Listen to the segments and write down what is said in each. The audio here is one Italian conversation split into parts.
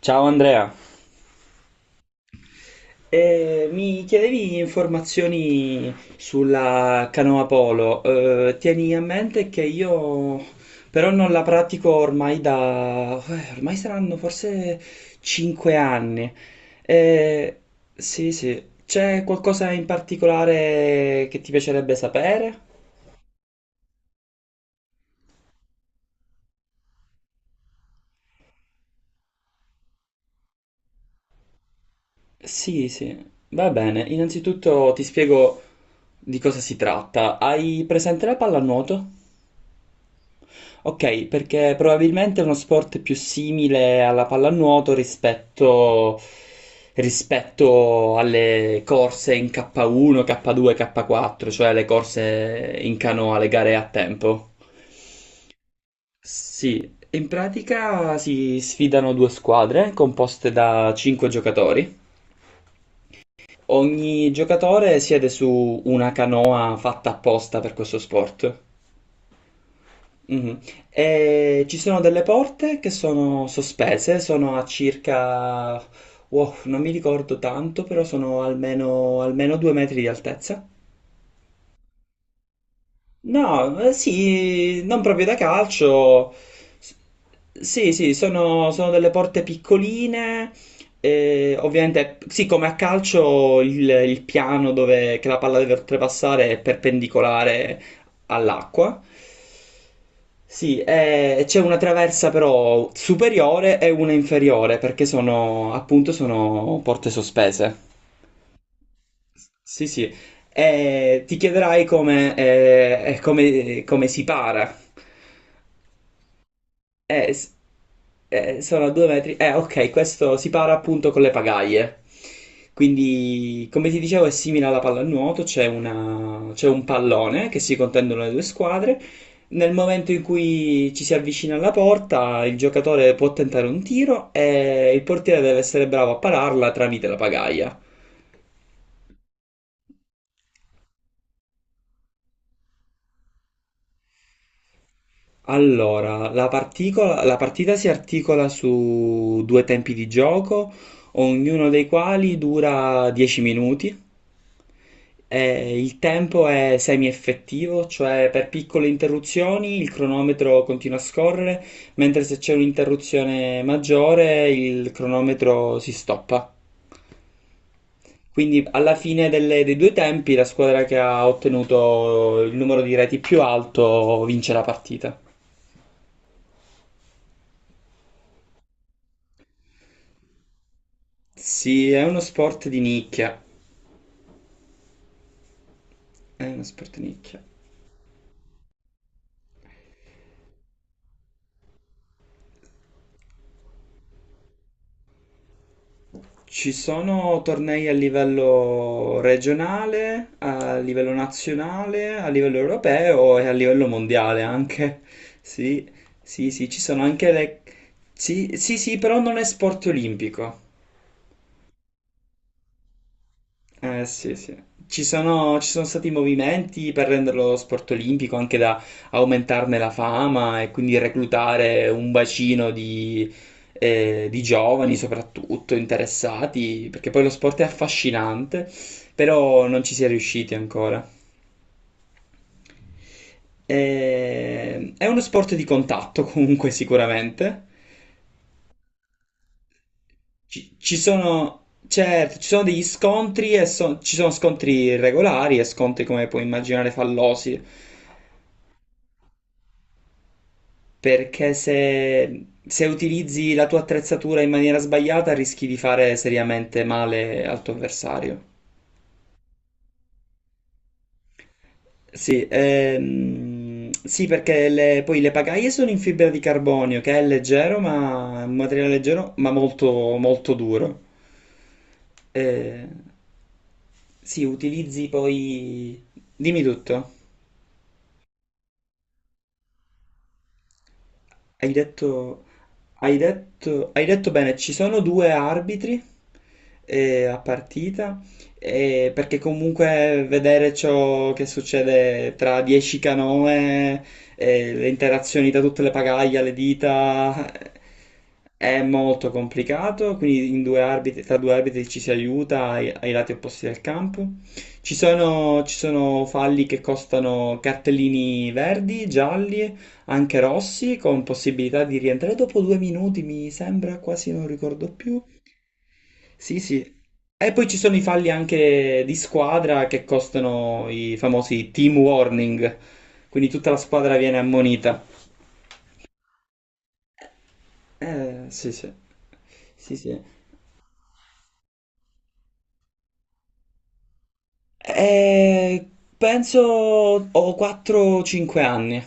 Ciao Andrea. Mi chiedevi informazioni sulla canoa polo. Tieni a mente che io però non la pratico ormai da... ormai saranno forse 5 anni. Eh, sì, sì. C'è qualcosa in particolare che ti piacerebbe sapere? Sì, sì. Va bene. Innanzitutto ti spiego di cosa si tratta. Hai presente la pallanuoto? Ok, perché probabilmente è uno sport più simile alla pallanuoto rispetto alle corse in K1, K2, K4, cioè le corse in canoa, le gare a tempo. Sì, in pratica si sfidano due squadre composte da 5 giocatori. Ogni giocatore siede su una canoa fatta apposta per questo sport. Mhm. E ci sono delle porte che sono sospese, sono a wow, non mi ricordo tanto, però sono almeno, almeno 2 metri di altezza. No, sì, non proprio da calcio. S- Sì, sì, sono delle porte piccoline. Ovviamente, sì, come a calcio il piano dove, che la palla deve oltrepassare è perpendicolare all'acqua. Sì, c'è una traversa però superiore e una inferiore perché sono appunto sono porte sospese. Sì, sì. E ti chiederai come si para. Eh, s- Sono a 2 metri. Ok, questo si para appunto con le pagaie. Quindi, come ti dicevo, è simile alla pallanuoto, c'è un pallone che si contendono le due squadre. Nel momento in cui ci si avvicina alla porta, il giocatore può tentare un tiro e il portiere deve essere bravo a pararla tramite la pagaia. Allora, la partita si articola su due tempi di gioco, ognuno dei quali dura 10 minuti. E il tempo è semi-effettivo, cioè per piccole interruzioni il cronometro continua a scorrere, mentre se c'è un'interruzione maggiore il cronometro si stoppa. Quindi alla fine dei due tempi la squadra che ha ottenuto il numero di reti più alto vince la partita. Sì, è uno sport di nicchia. È uno sport nicchia. Ci sono tornei a livello regionale, a livello nazionale, a livello europeo e a livello mondiale anche. Sì, sì, sì, ci sono anche le... Sì, sì, sì, però non è sport olimpico. Eh sì, sì. Ci sono stati movimenti per renderlo sport olimpico, anche da aumentarne la fama e quindi reclutare un bacino di giovani soprattutto interessati, perché poi lo sport è affascinante, però non ci si è riusciti ancora. È uno sport di contatto comunque sicuramente. Certo, ci sono degli scontri e ci sono scontri regolari e scontri come puoi immaginare fallosi. Perché se utilizzi la tua attrezzatura in maniera sbagliata rischi di fare seriamente male al tuo avversario. Sì, sì, perché poi le pagaie sono in fibra di carbonio, che è leggero, ma è un materiale leggero, ma molto, molto duro. Eh, sì, utilizzi poi... Dimmi tutto. Hai detto, hai detto bene, ci sono due arbitri a partita, perché comunque vedere ciò che succede tra 10 canoe, le interazioni da tutte le pagaglie, alle dita, è molto complicato, quindi tra due arbitri ci si aiuta ai lati opposti del campo. Ci sono falli che costano cartellini verdi, gialli anche Rossi con possibilità di rientrare dopo 2 minuti, mi sembra, quasi non ricordo più. Sì, sì. E poi ci sono i falli anche di squadra che costano i famosi team warning, quindi tutta la squadra viene ammonita. Sì, sì. Sì, sì. Eh, Penso ho 4-5 anni.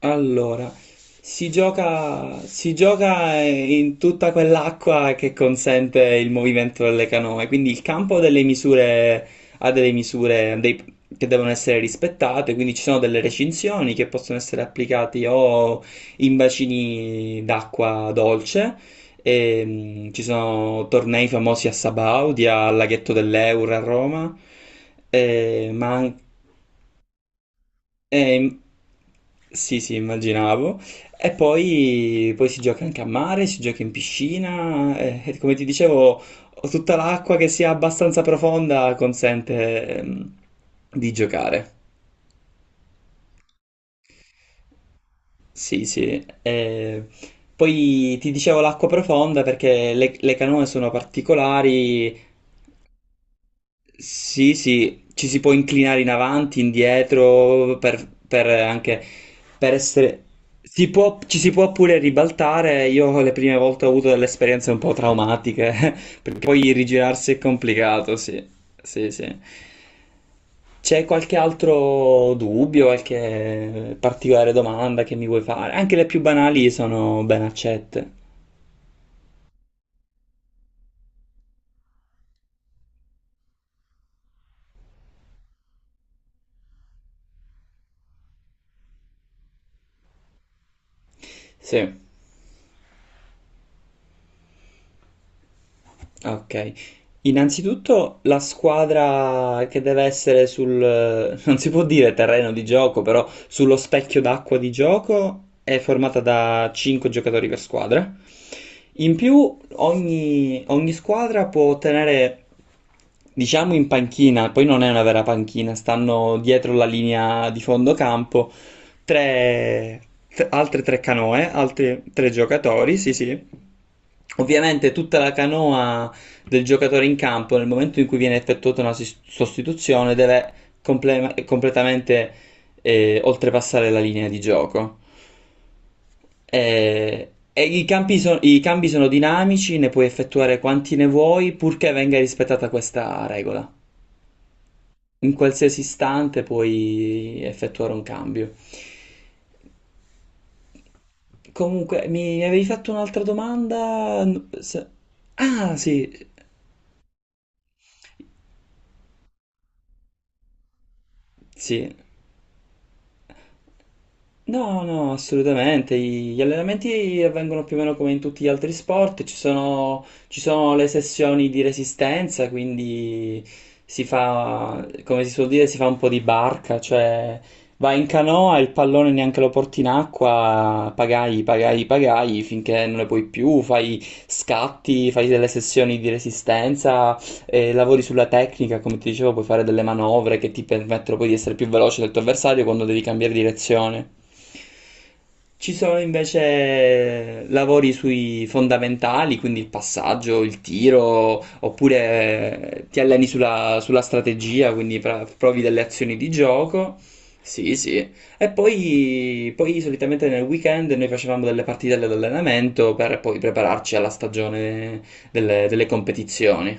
Allora, si gioca in tutta quell'acqua che consente il movimento delle canoe, quindi il campo ha delle misure, ha delle che devono essere rispettate, quindi ci sono delle recinzioni che possono essere applicate o in bacini d'acqua dolce, e, ci sono tornei famosi a Sabaudia, al laghetto dell'Eura a Roma, e, ma anche eh, sì, sì, immaginavo. Poi si gioca anche a mare, si gioca in piscina. E, come ti dicevo, ho tutta l'acqua che sia abbastanza profonda consente, di giocare. Sì, sì. Poi ti dicevo l'acqua profonda perché le canoe sono particolari. Sì, sì, ci si può inclinare in avanti, indietro, per anche per essere... Si può, ci si può pure ribaltare. Io le prime volte ho avuto delle esperienze un po' traumatiche, perché poi rigirarsi è complicato, sì. Sì, sì. C'è qualche altro dubbio, qualche particolare domanda che mi vuoi fare? Anche le più banali sono ben accette. Sì. Ok, innanzitutto la squadra che deve essere sul, non si può dire terreno di gioco, però sullo specchio d'acqua di gioco è formata da 5 giocatori per squadra. In più ogni squadra può tenere, diciamo in panchina, poi non è una vera panchina, stanno dietro la linea di fondo campo, tre, altre tre canoe, altri tre giocatori, sì sì. Ovviamente tutta la canoa del giocatore in campo nel momento in cui viene effettuata una sostituzione deve completamente oltrepassare la linea di gioco. E i cambi sono dinamici, ne puoi effettuare quanti ne vuoi, purché venga rispettata questa regola. In qualsiasi istante puoi effettuare un cambio. Comunque, mi avevi fatto un'altra domanda? Ah, sì, sì. No, no, assolutamente. Gli allenamenti avvengono più o meno come in tutti gli altri sport. Ci sono le sessioni di resistenza, quindi si fa, come si suol dire, si fa un po' di barca, cioè vai in canoa, il pallone neanche lo porti in acqua, pagai, pagai, pagai finché non ne puoi più, fai scatti, fai delle sessioni di resistenza lavori sulla tecnica, come ti dicevo, puoi fare delle manovre che ti permettono poi di essere più veloce del tuo avversario quando devi cambiare direzione. Ci sono invece lavori sui fondamentali, quindi il passaggio, il tiro, oppure ti alleni sulla strategia, quindi provi delle azioni di gioco. Sì, sì. Poi solitamente nel weekend noi facevamo delle partite all'allenamento per poi prepararci alla stagione delle competizioni.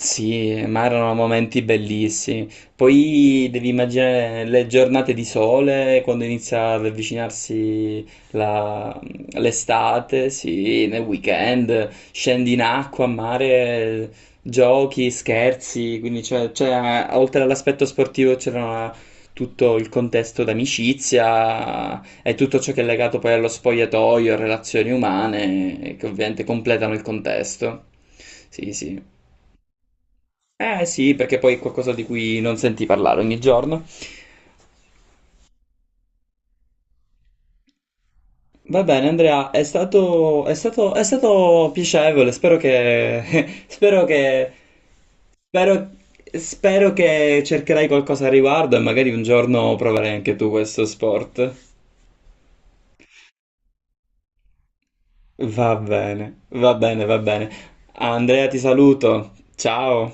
Sì, ma erano momenti bellissimi. Poi devi immaginare le giornate di sole quando inizia ad avvicinarsi la- l'estate, sì, nel weekend, scendi in acqua, a mare, giochi, scherzi, quindi oltre all'aspetto sportivo c'era tutto il contesto d'amicizia e tutto ciò che è legato poi allo spogliatoio, a relazioni umane, che ovviamente completano il contesto. Sì, sì. Eh sì, perché poi è qualcosa di cui non senti parlare ogni giorno. Va bene, Andrea, è stato piacevole. Spero che, spero che, spero, spero che cercherai qualcosa a riguardo e magari un giorno proverai anche tu questo sport. Va bene, va bene. Andrea, ti saluto. Ciao.